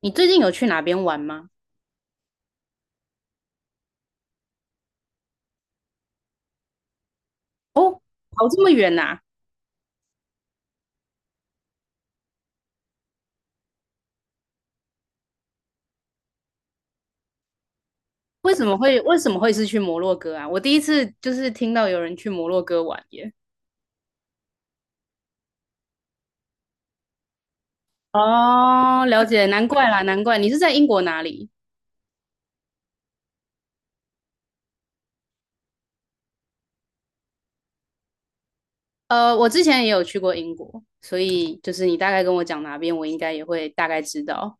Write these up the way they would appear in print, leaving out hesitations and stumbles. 你最近有去哪边玩吗？哦，跑这么远呐、为什么会是去摩洛哥啊？我第一次就是听到有人去摩洛哥玩耶。哦，了解，难怪啦，难怪你是在英国哪里？我之前也有去过英国，所以就是你大概跟我讲哪边，我应该也会大概知道。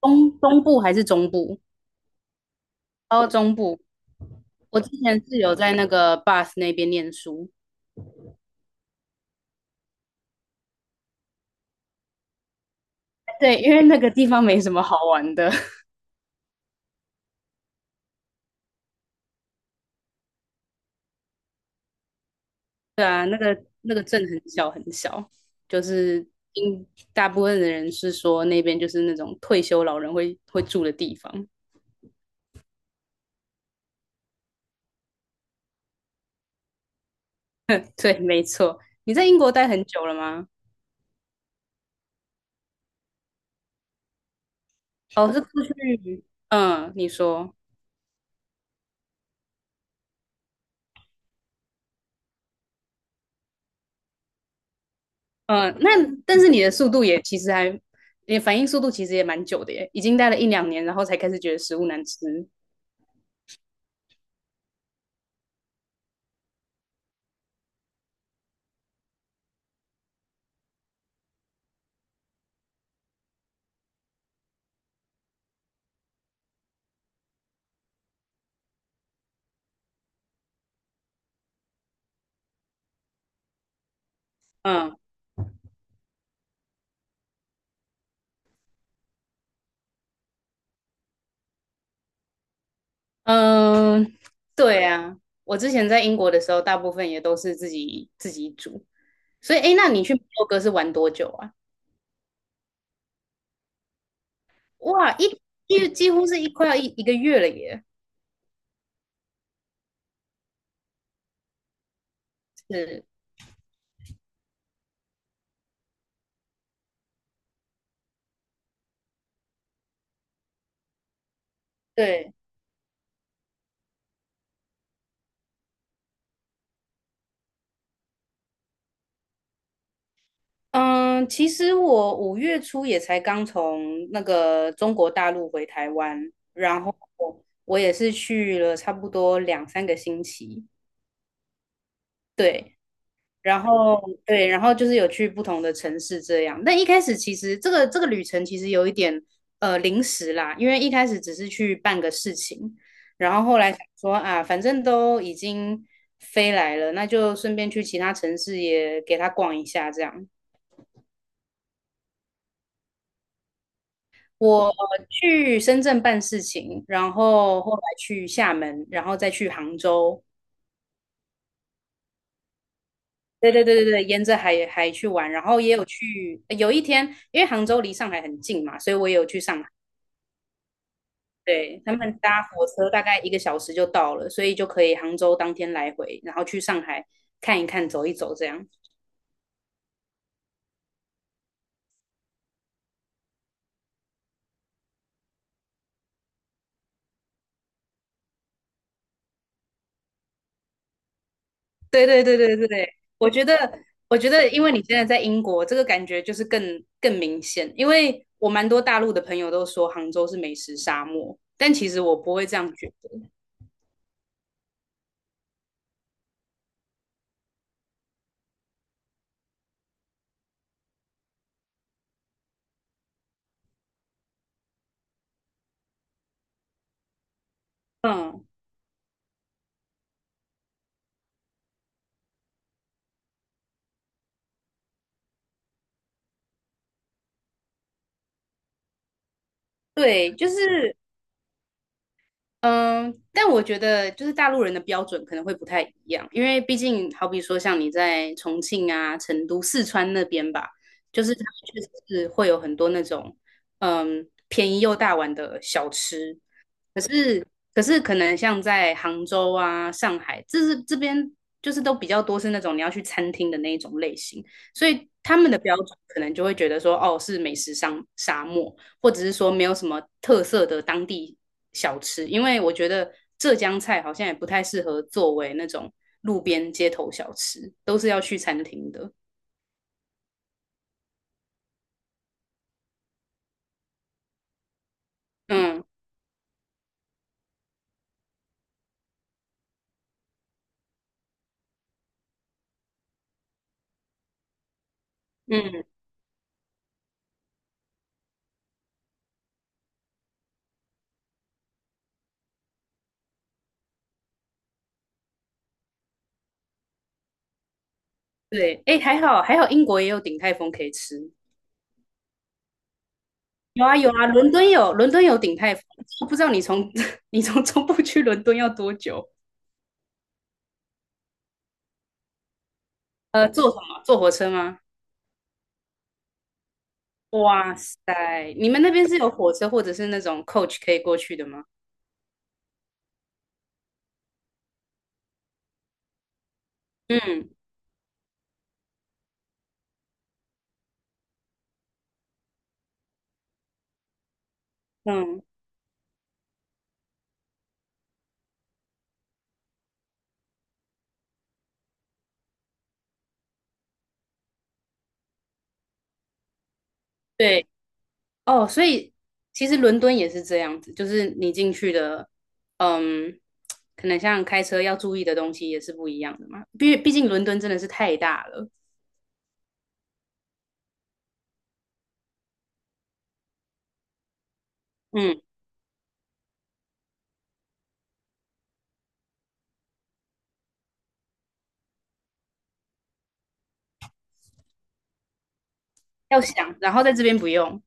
东部还是中部？哦，中部。我之前是有在那个 b a t 那边念书。对，因为那个地方没什么好玩的。对啊，那个镇很小很小，就是应大部分的人是说那边就是那种退休老人会住的地方。对，没错。你在英国待很久了吗？哦，是过去，嗯，你说。嗯，那但是你的速度也其实还，你的反应速度其实也蛮久的耶，已经待了一两年，然后才开始觉得食物难吃。嗯。嗯，对啊，我之前在英国的时候，大部分也都是自己煮。所以，哎，那你去摩洛哥是玩多久啊？哇，一几乎是快要一个月了耶。是，对，嗯，其实我五月初也才刚从那个中国大陆回台湾，然后我也是去了差不多两三个星期。对，然后对，然后就是有去不同的城市这样。但一开始其实这个旅程其实有一点临时啦，因为一开始只是去办个事情，然后后来想说啊，反正都已经飞来了，那就顺便去其他城市也给他逛一下这样。我去深圳办事情，然后后来去厦门，然后再去杭州。对对对对对，沿着海去玩，然后也有去，有一天，因为杭州离上海很近嘛，所以我也有去上海。对，他们搭火车大概一个小时就到了，所以就可以杭州当天来回，然后去上海看一看、走一走这样。对对对对对，我觉得我觉得，因为你现在在英国，这个感觉就是更明显。因为我蛮多大陆的朋友都说杭州是美食沙漠，但其实我不会这样觉得。嗯，对，嗯，但我觉得就是大陆人的标准可能会不太一样，因为毕竟好比说像你在重庆啊、成都、四川那边吧，就是他们确实是会有很多那种便宜又大碗的小吃，可是可能像在杭州啊、上海，这边就是都比较多是那种你要去餐厅的那一种类型，所以他们的标准可能就会觉得说，哦，是美食沙漠，或者是说没有什么特色的当地小吃，因为我觉得浙江菜好像也不太适合作为那种路边街头小吃，都是要去餐厅的。嗯嗯，对，哎，还好还好，英国也有鼎泰丰可以吃。有啊有啊，伦敦有鼎泰丰。我不知道你从 你从中部去伦敦要多久？呃，坐什么？坐火车吗？哇塞，你们那边是有火车或者是那种 coach 可以过去的吗？嗯嗯，对哦，所以其实伦敦也是这样子，就是你进去的，嗯，可能像开车要注意的东西也是不一样的嘛。毕竟伦敦真的是太大了，嗯，要想，然后在这边不用。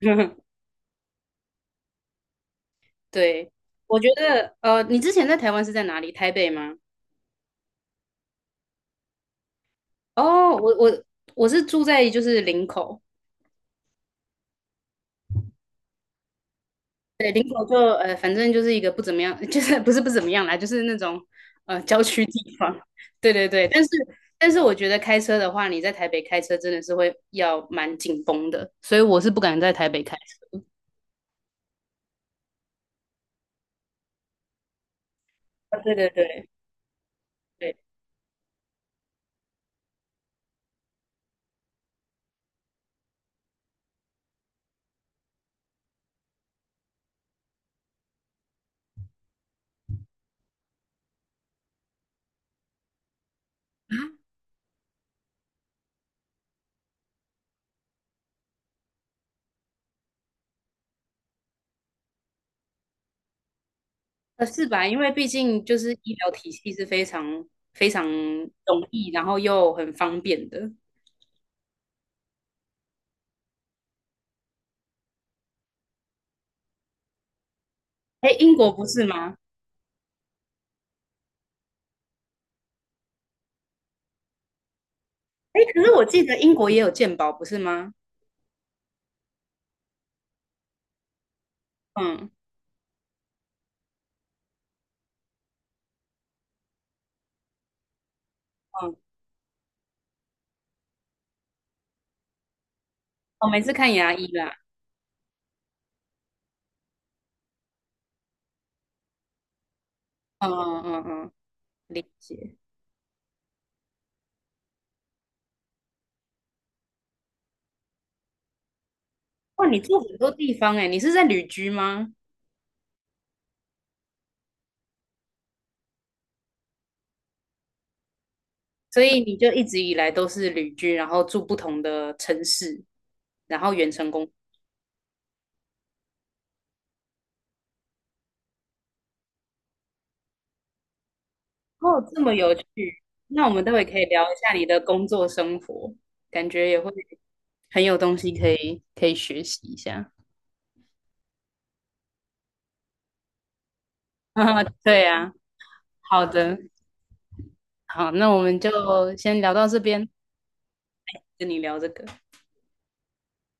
对，我觉得你之前在台湾是在哪里？台北吗？哦，我是住在就是林口。对，林口就，反正就是一个不怎么样，就是不是不怎么样啦，就是那种郊区地方。对对对，但是我觉得开车的话，你在台北开车真的是会要蛮紧绷的，所以我是不敢在台北开车。啊，对对对对，是吧？因为毕竟就是医疗体系是非常容易，然后又很方便的。哎，英国不是吗？哎，可是我记得英国也有健保，不是吗？嗯嗯，我每次看牙医啦。嗯嗯嗯嗯，理解。哇，你住很多地方哎，你是在旅居吗？所以你就一直以来都是旅居，然后住不同的城市，然后远程工作。哦，这么有趣。那我们待会可以聊一下你的工作生活，感觉也会很有东西可以学习一下。啊对啊，好的，好，那我们就先聊到这边，跟你聊这个。